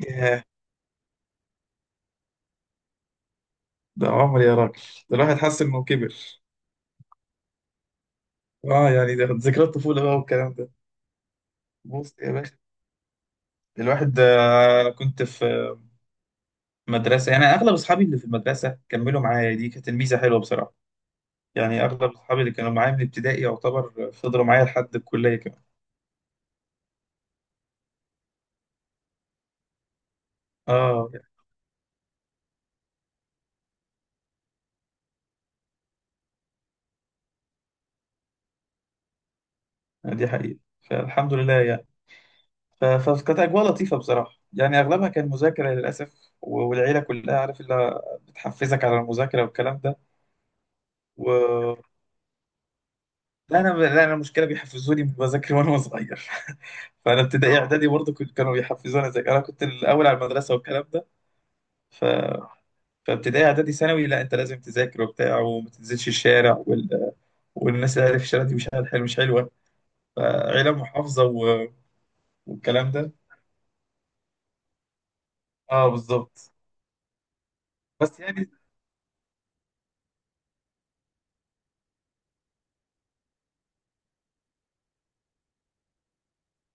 ياه! ده عمر يا راجل. ده الواحد حس انه كبر. اه، يعني ده ذكريات طفوله بقى والكلام ده. بص يا باشا، الواحد انا كنت في مدرسه، يعني اغلب اصحابي اللي في المدرسه كملوا معايا. دي كانت الميزه حلوه بصراحه، يعني اغلب اصحابي اللي كانوا معايا من ابتدائي يعتبر فضلوا معايا لحد الكليه كمان. اه، يعني دي حقيقه، فالحمد لله يعني. فكانت اجواء لطيفه بصراحه، يعني اغلبها كان مذاكره للاسف، والعيله كلها عارف اللي بتحفزك على المذاكره والكلام ده. لا انا المشكله بيحفزوني بذاكر وانا صغير فانا ابتدائي، اه، اعدادي برضه كانوا بيحفزوني اذاكر، انا كنت الاول على المدرسه والكلام ده. ف... فابتدائي اعدادي ثانوي، لا انت لازم تذاكر وبتاع وما تنزلش الشارع والناس اللي عارف الشارع دي مش حلوه مش حلوه. فعيله محافظه والكلام ده. اه، بالظبط، بس يعني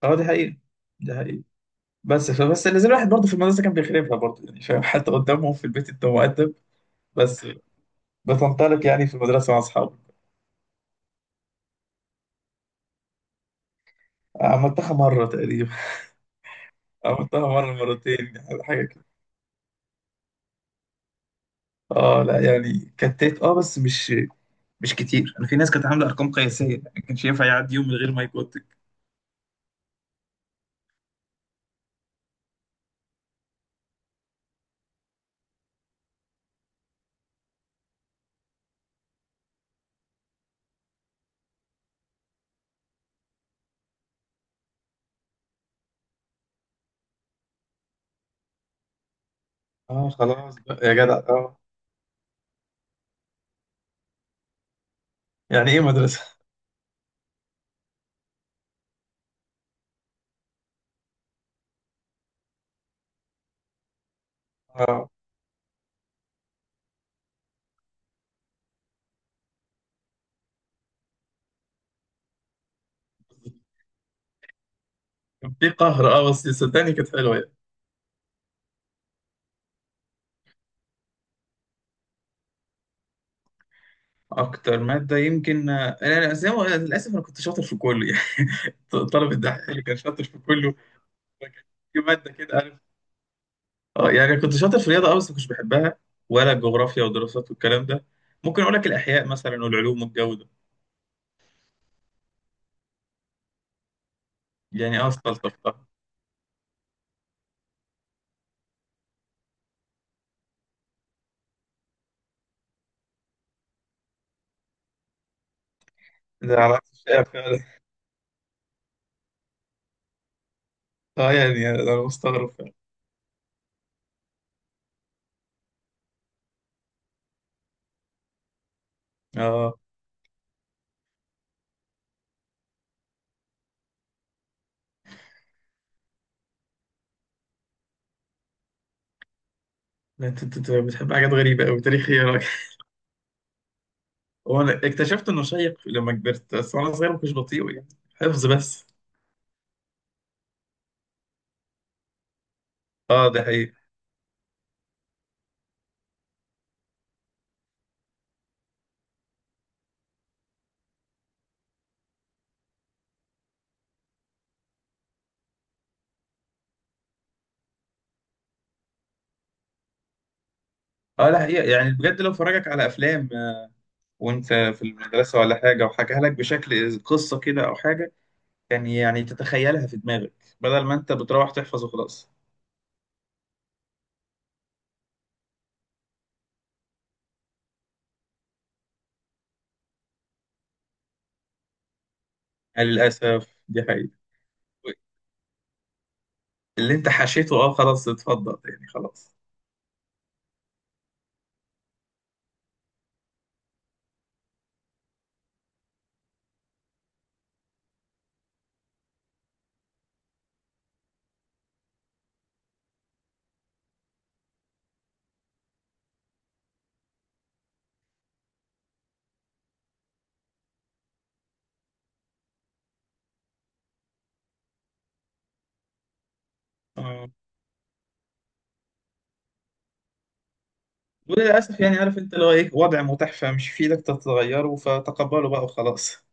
اه، دي حقيقه دي حقيقه. فبس اللي زي الواحد برضه في المدرسه كان بيخربها برضه، يعني فاهم حتى قدامهم في البيت انت مؤدب، بس بتنطلق يعني في المدرسه مع اصحابك. عملتها مره تقريبا. عملتها مرة مرتين يعني، حاجة كده. اه، لا يعني كتات، اه بس مش كتير. انا في ناس كانت عاملة ارقام قياسية، يعني ما كانش ينفع يعدي يوم من غير ما يكوتك. اه، خلاص بقى يا جدع، اه يعني ايه مدرسة. اه، كان في قهر، اه بس صدقني كانت حلوه يعني. اكتر ماده يمكن، أنا زي ما أنا، للاسف انا كنت شاطر في كله يعني. طالب الدحيح اللي كان شاطر في كله. فكان في ماده كده، عارف؟ اه يعني كنت شاطر في الرياضه، اه بس ما كنتش بحبها، ولا الجغرافيا والدراسات والكلام ده. ممكن اقول لك الاحياء مثلا والعلوم والجو ده. يعني اه، استلطفتها. ده على عكس الشائع فعلا، اه يعني انا مستغرب فعلا. اه، لا، انت انت أنت بتحب حاجات غريبة أوي تاريخية راجل. هو انا اكتشفت انه شيق لما كبرت بس، وانا صغير ما كنتش بطيء، يعني حفظ بس. اه، ده حقيقي. اه، ده حقيقة يعني، بجد لو فرجك على افلام، وانت في المدرسة ولا حاجة وحكاها لك بشكل قصة كده او حاجة، كان يعني تتخيلها في دماغك بدل ما انت بتروح تحفظ وخلاص. للأسف دي حقيقة. اللي انت حشيته اه، خلاص اتفضل يعني خلاص. آه. وللأسف يعني، عارف أنت اللي هو إيه، وضع متاح فمش في إيدك تتغيره، فتقبله بقى وخلاص.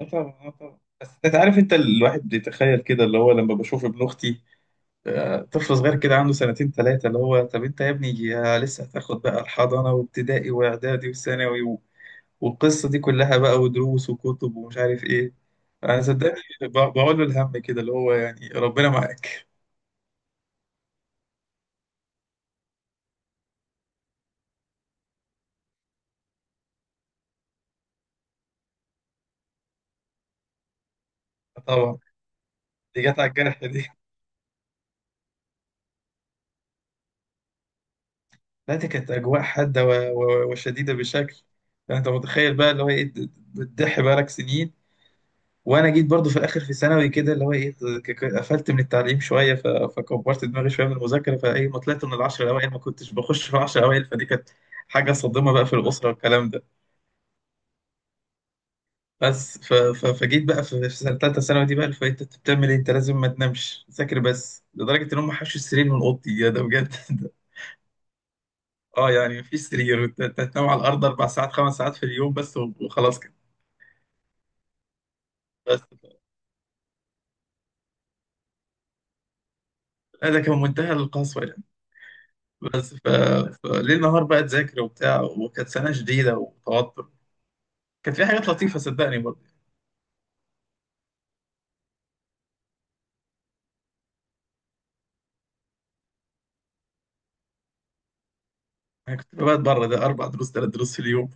آه طبعا، آه طبعا. بس أنت عارف، أنت الواحد بيتخيل كده، اللي هو لما بشوف ابن أختي طفل صغير كده عنده سنتين ثلاثة، اللي هو طب أنت يا ابني يا لسه هتاخد بقى الحضانة وابتدائي وإعدادي وثانوي والقصة دي كلها بقى، ودروس وكتب ومش عارف إيه. أنا صدقني بقول له الهم كده، اللي هو يعني ربنا معاك. طبعا. دي جت على الجرح دي. لا دي كانت أجواء حادة وشديدة بشكل، يعني أنت متخيل بقى اللي هو إيه؟ بتضحي بقالك سنين. وأنا جيت برضو في الآخر في ثانوي كده، اللي هو إيه، قفلت من التعليم شوية، فكبرت دماغي شوية من المذاكرة، فإيه، ما طلعت من العشر الأوائل، ما كنتش بخش في العشر الأوائل، فدي كانت حاجة صادمة بقى في الأسرة والكلام ده. بس فجيت بقى في سنة تالتة ثانوي دي بقى اللي فايت. أنت بتعمل إيه؟ أنت لازم ما تنامش، ذاكر بس، لدرجة إن هم حشوا السرير من أوضتي، يا ده بجد اه يعني في سرير تنام على الارض 4 ساعات 5 ساعات في اليوم بس وخلاص كده. بس لا ده كان منتهى القسوه يعني. بس فليل نهار بقى تذاكر وبتاع، وكانت سنه شديده وتوتر. كانت في حاجات لطيفه صدقني برضه. انا كنت بقعد بره ده 4 دروس 3 دروس في اليوم.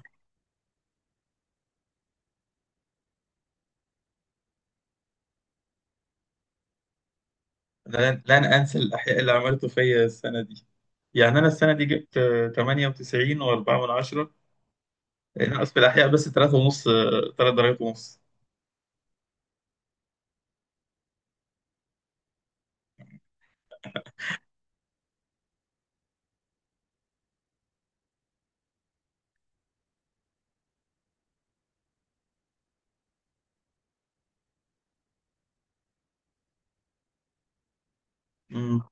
انا لن انسى الاحياء اللي عملته فيا السنه دي. يعني انا السنه دي جبت 98 و4 من 10، ناقص في الاحياء بس 3 ونص، 3 درجات ونص. امم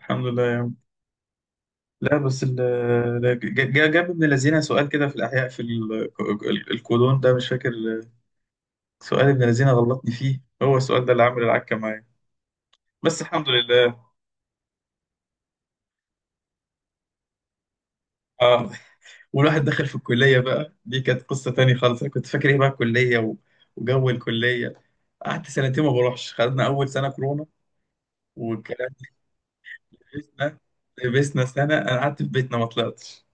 الحمد لله. لا بس جاب ابن الذين سؤال كده في الأحياء في الكولون ده مش فاكر. سؤال ابن الذين غلطني فيه هو السؤال ده، اللي عامل العكة معايا. بس الحمد لله. اه، والواحد دخل في الكلية بقى، دي كانت قصة تانية خالص. أنا كنت فاكر إيه بقى الكلية وجو الكلية. قعدت سنتين ما بروحش، خدنا أول سنة كورونا والكلام ده. لبسنا لبسنا سنة أنا قعدت في بيتنا ما طلعتش.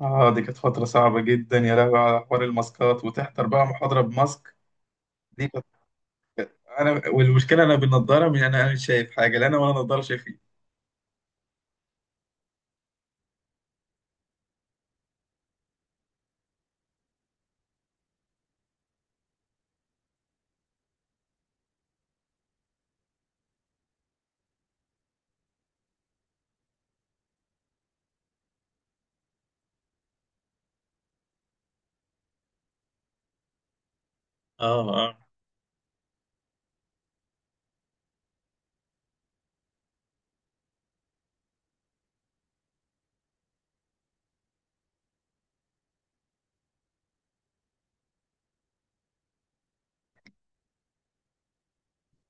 اه، دي كانت فترة صعبة جدا، يا لهوي على حوار الماسكات، وتحضر بقى محاضرة بماسك دي. انا والمشكله انا بالنضاره، من أنا مش شايف حاجه، لا انا ولا نضاره شايفين. اه اه،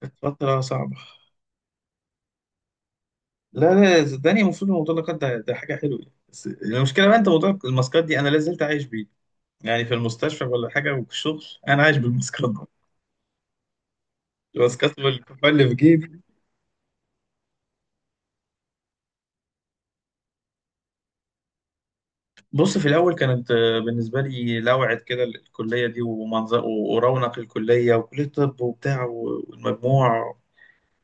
كانت فترة صعبة. لا، لا صدقني، المفروض موضوع اللقاح ده حاجة حلوة يعني. بس المشكلة بقى، انت موضوع الماسكات دي انا لا زلت عايش بيه، يعني في المستشفى ولا حاجة، وفي الشغل انا عايش بالماسكات دي، الماسكات والكحول اللي في جيبي. بص في الاول كانت بالنسبة لي لوعة كده، الكلية دي ومنظر ورونق الكلية وكلية طب وبتاع والمجموع.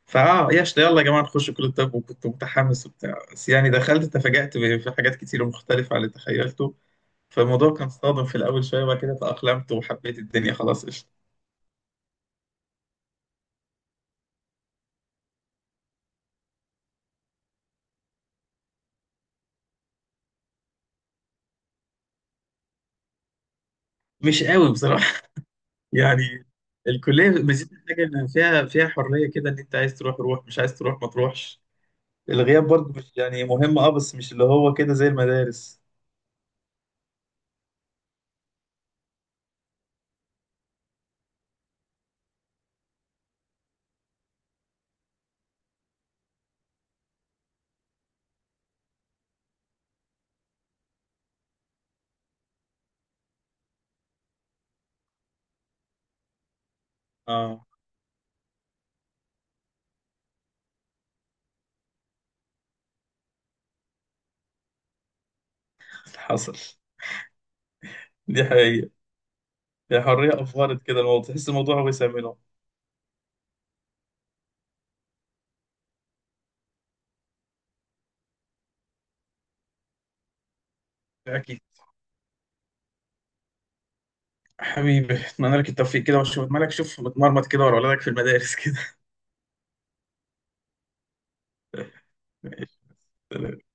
فاه، ياش، يلا يا جماعه نخش كل الطب، وكنت متحمس وبتاع. بس يعني دخلت، تفاجأت في حاجات كتير مختلفه عن اللي تخيلته، فالموضوع كان صادم في الاول شويه، وبعد كده تأقلمت وحبيت الدنيا، خلاص قشطه. مش قوي بصراحه يعني الكليه ميزتها حاجه، ان فيها حريه كده، ان انت عايز تروح روح، مش عايز تروح ما تروحش. الغياب برضه مش يعني مهم، اه بس مش اللي هو كده زي المدارس. اه، حصل، دي حقيقه، هي حريه افورت كده الموضوع، تحس الموضوع وسع منه. حبيبي، اتمنى لك التوفيق كده، واشوف مالك، شوف متمرمط كده ورا ولادك في المدارس كده ماشي.